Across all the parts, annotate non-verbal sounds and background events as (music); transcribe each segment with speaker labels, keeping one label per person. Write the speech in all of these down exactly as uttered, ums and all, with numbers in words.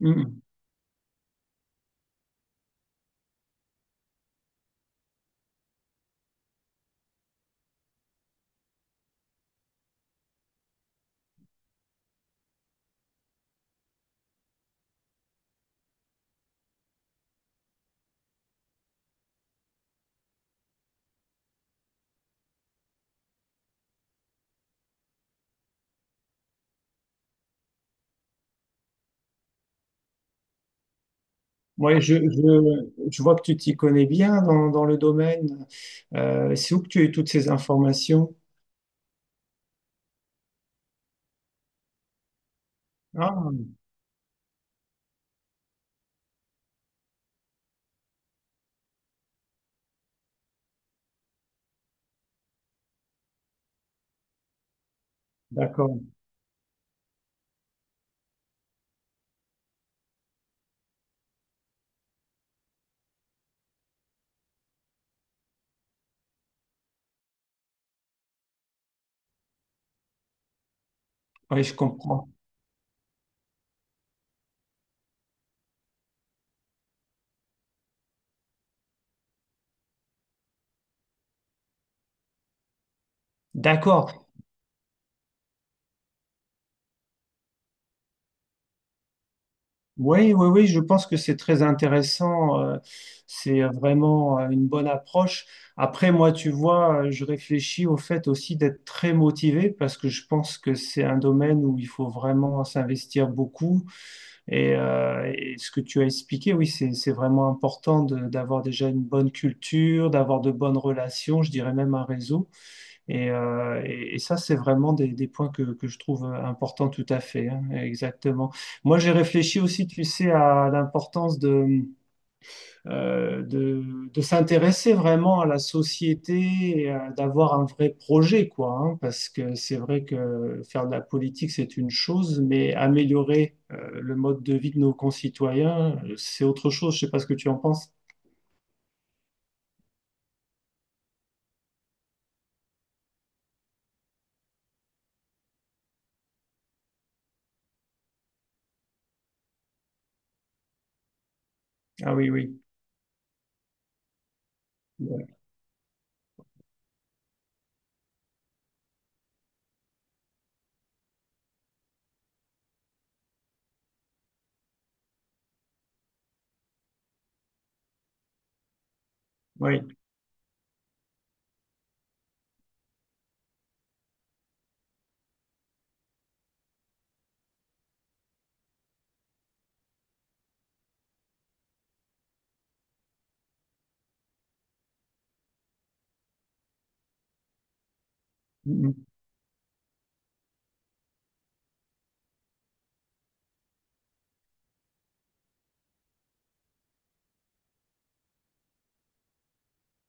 Speaker 1: Mm. Ouais, je, je, je vois que tu t'y connais bien dans, dans le domaine. Euh, c'est où que tu as eu toutes ces informations? Ah, d'accord. Oui, je comprends. D'accord. Oui, oui, oui, je pense que c'est très intéressant. euh, C'est vraiment euh, une bonne approche. Après, moi, tu vois, euh, je réfléchis au fait aussi d'être très motivé parce que je pense que c'est un domaine où il faut vraiment s'investir beaucoup. Et, euh, et ce que tu as expliqué, oui, c'est, c'est vraiment important de- d'avoir déjà une bonne culture, d'avoir de bonnes relations, je dirais même un réseau. Et, euh, et- et ça, c'est vraiment des, des points que, que je trouve importants tout à fait, hein, exactement. Moi, j'ai réfléchi aussi, tu sais, à l'importance de euh, de, de s'intéresser vraiment à la société, et à- d'avoir un vrai projet, quoi, hein, parce que c'est vrai que faire de la politique, c'est une chose, mais améliorer euh, le mode de vie de nos concitoyens, euh, c'est autre chose. Je sais pas ce que tu en penses. Ah oui, oui. Ouais. Oui.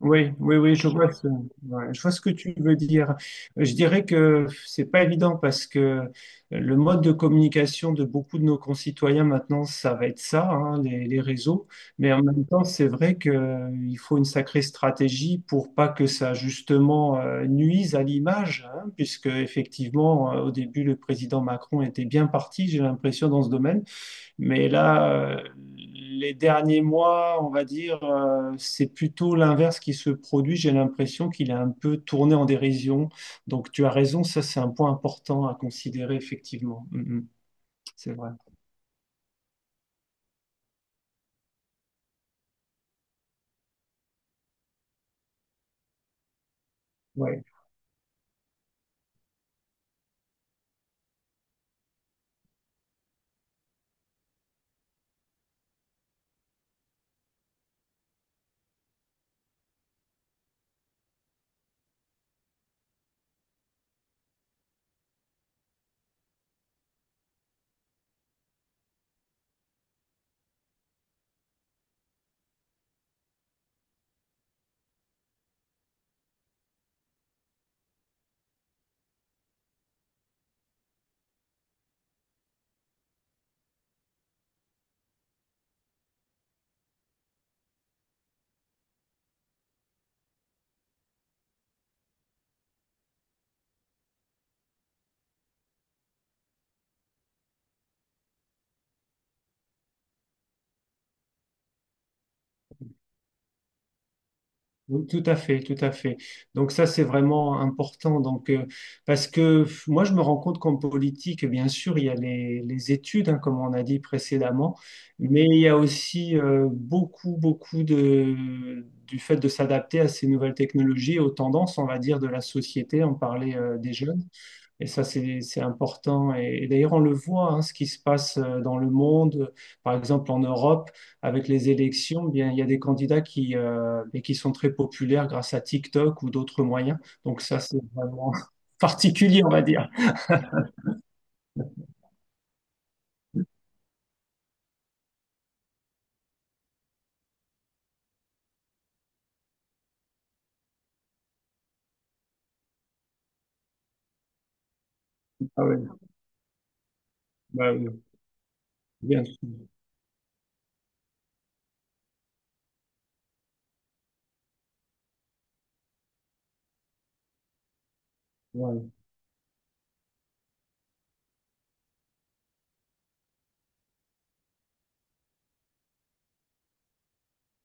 Speaker 1: Oui, oui, oui, je vois ce, ouais, je vois ce que tu veux dire. Je dirais que c'est pas évident parce que le mode de communication de beaucoup de nos concitoyens maintenant, ça va être ça, hein, les, les réseaux. Mais en même temps, c'est vrai qu'il faut une sacrée stratégie pour pas que ça justement euh, nuise à l'image, hein, puisque effectivement, euh, au début, le président Macron était bien parti, j'ai l'impression, dans ce domaine. Mais là, euh, les derniers mois, on va dire, euh, c'est plutôt l'inverse qui se produit. J'ai l'impression qu'il est un peu tourné en dérision. Donc tu as raison, ça c'est un point important à considérer, effectivement. Mm, mm, c'est vrai. Ouais. Oui, tout à fait, tout à fait. Donc ça, c'est vraiment important. Donc euh, parce que f- moi, je me rends compte qu'en politique, bien sûr, il y a les, les études, hein, comme on a dit précédemment, mais il y a aussi euh, beaucoup, beaucoup de du fait de s'adapter à ces nouvelles technologies, aux tendances, on va dire, de la société. On parlait euh, des jeunes. Et ça, c'est, c'est important. Et, et d'ailleurs, on le voit, hein, ce qui se passe euh, dans le monde, par exemple en Europe, avec les élections, eh bien, il y a des candidats qui, euh, et qui sont très populaires grâce à TikTok ou d'autres moyens. Donc ça, c'est vraiment (laughs) particulier, on va dire. Ah oui, bah oui, bien sûr. Ouais,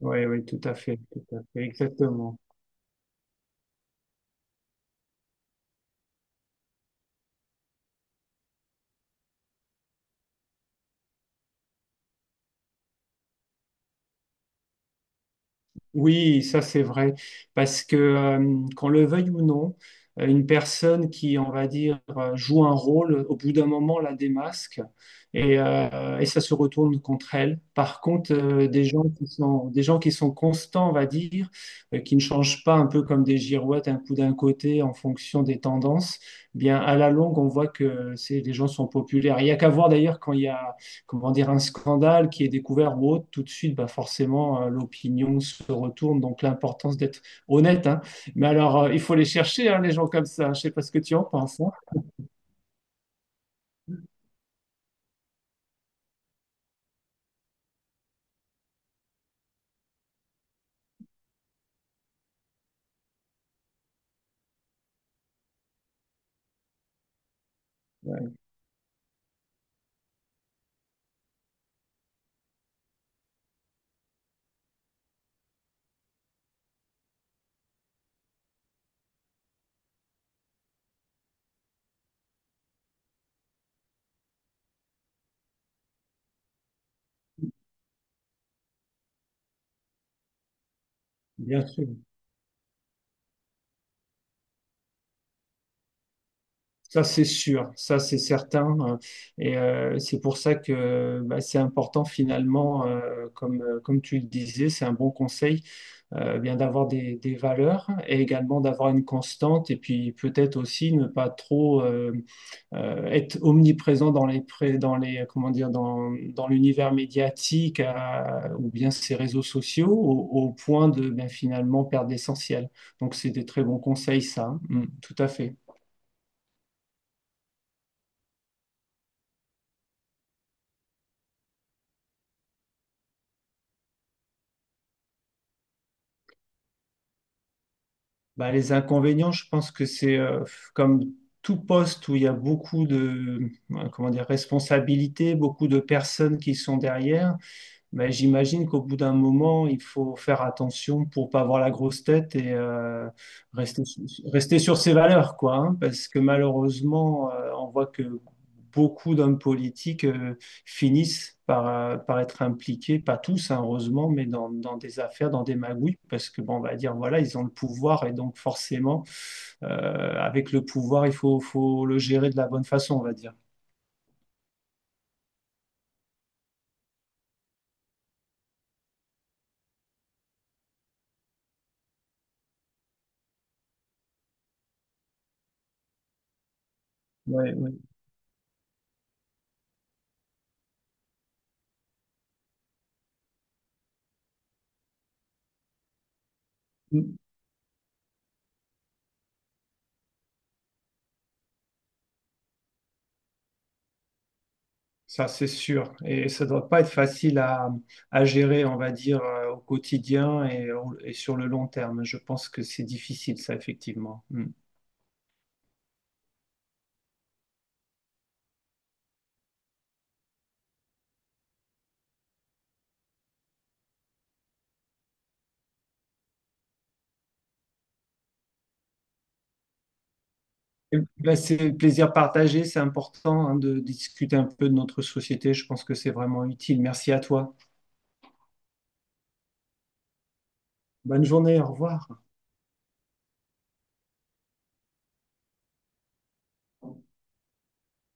Speaker 1: ouais, ouais, tout à fait, tout à fait, exactement. Oui, ça c'est vrai, parce que euh, qu'on le veuille ou non, euh, une personne qui, on va dire, euh, joue un rôle, au bout d'un moment la démasque et, euh, et ça se retourne contre elle. Par contre, euh, des gens qui sont, des gens qui sont constants, on va dire, euh, qui ne changent pas un peu comme des girouettes, un coup d'un côté en fonction des tendances, bien à la longue, on voit que c'est, les gens sont populaires. Il y a qu'à voir d'ailleurs quand il y a comment dire, un scandale qui est découvert ou autre, tout de suite, bah forcément, euh, l'opinion se retourne. Donc, l'importance d'être honnête, hein. Mais alors, euh, il faut les chercher, hein, les gens comme ça. Je ne sais pas ce que tu en penses, hein. Ouais. Bien sûr. Ça, c'est sûr, ça, c'est certain. euh, Et euh, c'est pour ça que bah, c'est important finalement, euh, comme, euh, comme tu le disais, c'est un bon conseil, euh, bien d'avoir des, des valeurs et également d'avoir une constante et puis peut-être aussi ne pas trop euh, euh, être omniprésent dans les, pré- dans les, comment dire, dans, dans l'univers médiatique à- ou bien ces réseaux sociaux au, au point de ben, finalement perdre l'essentiel. Donc, c'est des très bons conseils, ça, hein. Mm, tout à fait. Bah, les inconvénients, je pense que c'est euh, comme tout poste où il y a beaucoup de, euh, comment dire, responsabilités, beaucoup de personnes qui sont derrière. Mais j'imagine qu'au bout d'un moment, il faut faire attention pour pas avoir la grosse tête et euh, rester, su- rester sur ses valeurs, quoi, hein. Parce que malheureusement, euh, on voit que beaucoup d'hommes politiques euh, finissent par, euh, par être impliqués, pas tous, hein, heureusement, mais dans, dans des affaires, dans des magouilles, parce que, bon, on va dire, voilà, ils ont le pouvoir et donc forcément, euh, avec le pouvoir, il faut, faut le gérer de la bonne façon, on va dire. Ouais, ouais. Ça, c'est sûr. Et ça ne doit pas être facile à, à gérer, on va dire, euh, au quotidien et, au- et sur le long terme. Je pense que c'est difficile, ça, effectivement. Mm. Et ben, c'est le plaisir partagé. C'est important, hein, de discuter un peu de notre société. Je pense que c'est vraiment utile. Merci à toi. Bonne journée. Au revoir.